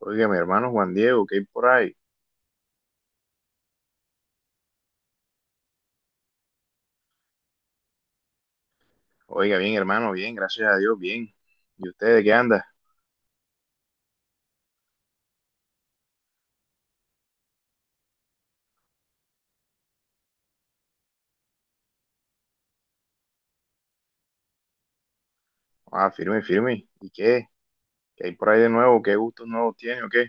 Oiga, mi hermano Juan Diego, ¿qué hay por ahí? Oiga, bien, hermano, bien, gracias a Dios, bien. ¿Y usted de qué anda? Ah, firme, firme. ¿Y qué? ¿Qué hay por ahí de nuevo? ¿Qué gustos nuevos tiene o qué?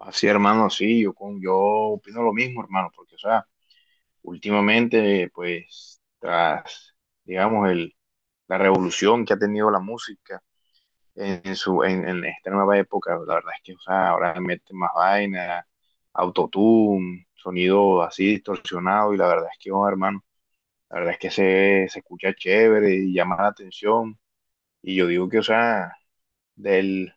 Así, hermano, sí, yo, yo opino lo mismo, hermano, porque, o sea, últimamente, pues, tras, digamos, el, la revolución que ha tenido la música en esta nueva época, la verdad es que, o sea, ahora meten más vaina, autotune, sonido así distorsionado, y la verdad es que, oh, hermano. La verdad es que se escucha chévere y llama la atención. Y yo digo que, o sea, del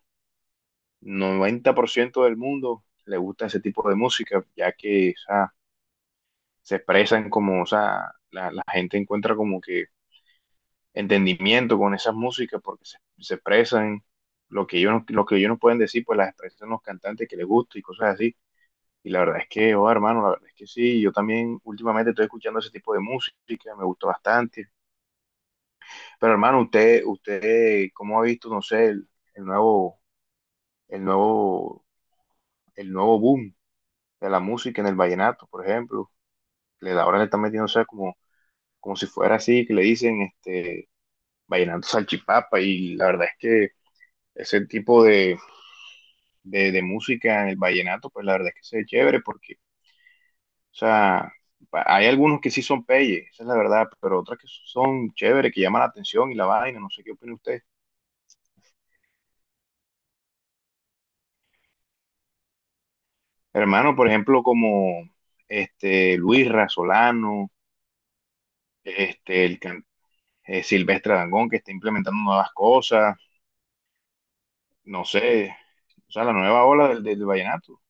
90% del mundo le gusta ese tipo de música, ya que, o sea, se expresan como, o sea, la gente encuentra como que entendimiento con esas músicas porque se expresan lo que ellos, no- lo que ellos no pueden decir, pues las expresan los cantantes que les gusta y cosas así. Y la verdad es que, oh, hermano, la verdad es que sí, yo también últimamente estoy escuchando ese tipo de música, me gustó bastante. Pero hermano, usted, ¿cómo ha visto, no sé, el, el nuevo, el nuevo, el nuevo boom de la música en el vallenato, por ejemplo? Le, ahora le están metiendo, o sea, como, como si fuera así, que le dicen, este, vallenato salchipapa, y la verdad es que ese tipo de música en el vallenato, pues la verdad es que se ve chévere, porque, o sea, hay algunos que sí son peyes, esa es la verdad, pero otras que son chéveres, que llaman la atención y la vaina, no sé qué opina usted. Hermano, por ejemplo, como este Luis Solano, este el can- Silvestre Dangond, que está implementando nuevas cosas, no sé, o sea, la nueva ola del, del vallenato.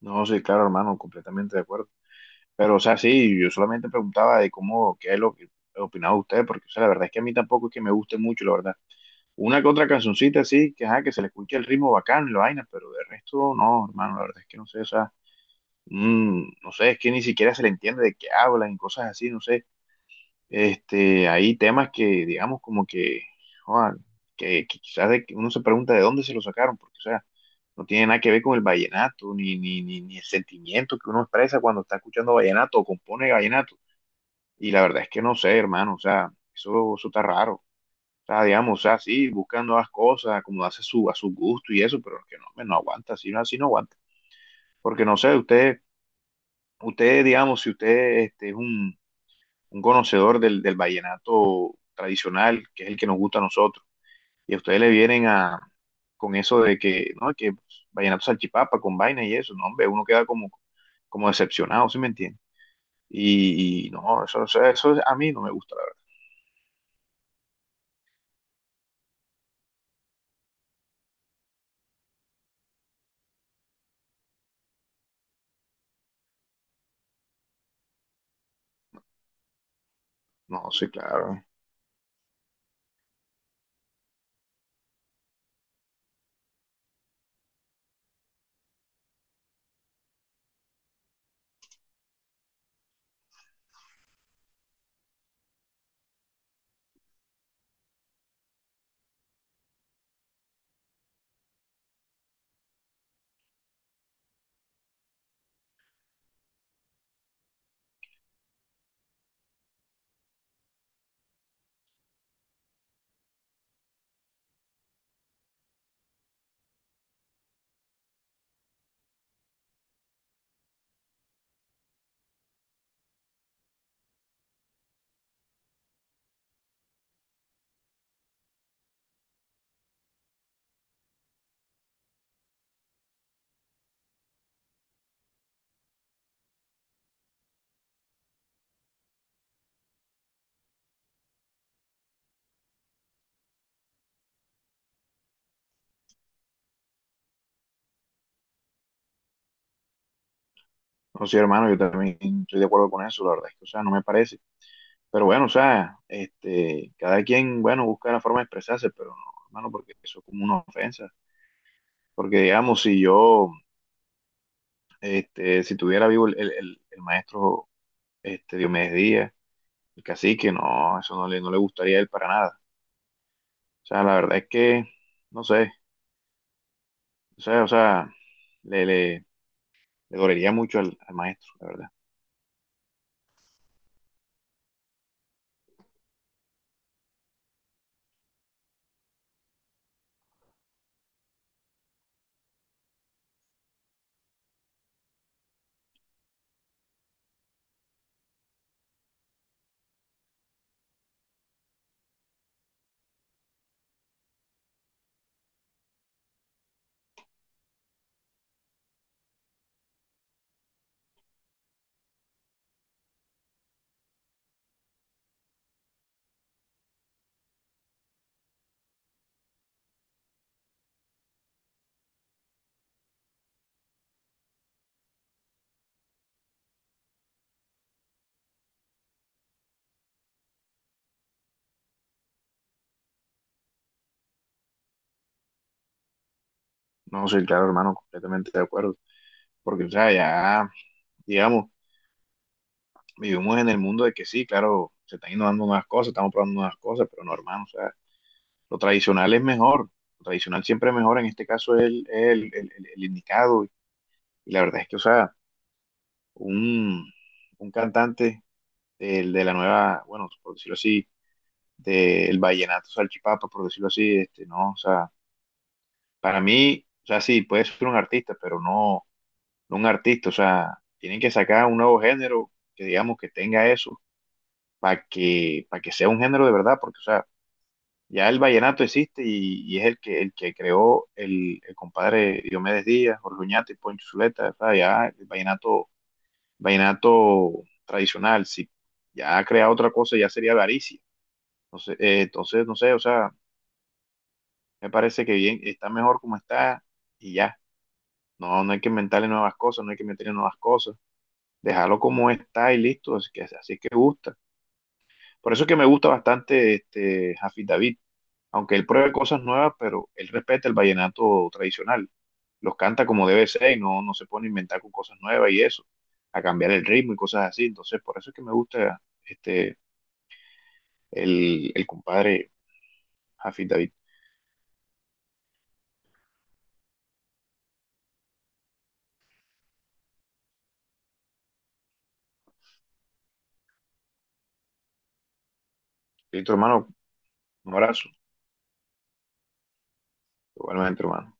No, sí, claro, hermano, completamente de acuerdo. Pero, o sea, sí, yo solamente preguntaba de cómo, qué es lo que opinaba usted, porque, o sea, la verdad es que a mí tampoco es que me guste mucho, la verdad. Una que otra cancioncita, sí, que, ajá, que se le escuche el ritmo bacán, y la vaina, pero de resto, no, hermano, la verdad es que no sé, o sea, no sé, es que ni siquiera se le entiende de qué hablan y cosas así, no sé. Este, hay temas que, digamos, como que, joder, que quizás uno se pregunta de dónde se lo sacaron, porque, o sea, no tiene nada que ver con el vallenato, ni el sentimiento que uno expresa cuando está escuchando vallenato o compone vallenato. Y la verdad es que no sé, hermano, o sea, eso está raro. O sea, digamos, o sea, sí, buscando las cosas, acomodarse a a su gusto y eso, pero es que no, hombre, no aguanta, así no aguanta. Porque no sé, usted. Usted, digamos, si usted este, es un conocedor del, del vallenato tradicional, que es el que nos gusta a nosotros, y a ustedes le vienen a, con eso de que, no, que pues, vallenato salchipapa con vaina y eso, no, hombre, uno queda como, como decepcionado, ¿sí me entiende? Y no, eso a mí no me gusta, la verdad. No, sí, claro. No, sí, hermano, yo también estoy de acuerdo con eso, la verdad es que, o sea, no me parece. Pero bueno, o sea, este, cada quien, bueno, busca la forma de expresarse, pero no, hermano, porque eso es como una ofensa. Porque digamos, si yo, este, si tuviera vivo el maestro este, Diomedes Díaz, el cacique, no, eso no no le gustaría a él para nada. O sea, la verdad es que, no sé, o sea, le, le, le dolería mucho al maestro, la verdad. No soy claro, hermano, completamente de acuerdo. Porque, o sea, ya, digamos, vivimos en el mundo de que sí, claro, se están innovando nuevas cosas, estamos probando nuevas cosas, pero no, hermano, o sea, lo tradicional es mejor. Lo tradicional siempre es mejor, en este caso es el indicado. Y la verdad es que, o sea, un, un cantante de la nueva, bueno, por decirlo así, del vallenato salchipapa, por decirlo así, este, no, o sea, para mí, o sea, sí, puede ser un artista, pero no, no un artista, o sea, tienen que sacar un nuevo género que digamos que tenga eso, para que sea un género de verdad, porque, o sea, ya el vallenato existe y es el que creó el compadre Diomedes Díaz, Jorge Oñate y Poncho Zuleta, o sea, ya el vallenato tradicional. Si ya crea otra cosa, ya sería avaricia. Entonces, entonces, no sé, o sea, me parece que bien, está mejor como está y ya. No, no hay que inventarle nuevas cosas, no hay que meterle nuevas cosas. Dejarlo como está y listo, así que, así es que gusta. Por eso es que me gusta bastante este Jafid David, aunque él pruebe cosas nuevas, pero él respeta el vallenato tradicional. Los canta como debe ser y no, no se pone a inventar con cosas nuevas y eso, a cambiar el ritmo y cosas así. Entonces, por eso es que me gusta este el compadre Jafid David. Y tu hermano, un abrazo, igualmente, hermano.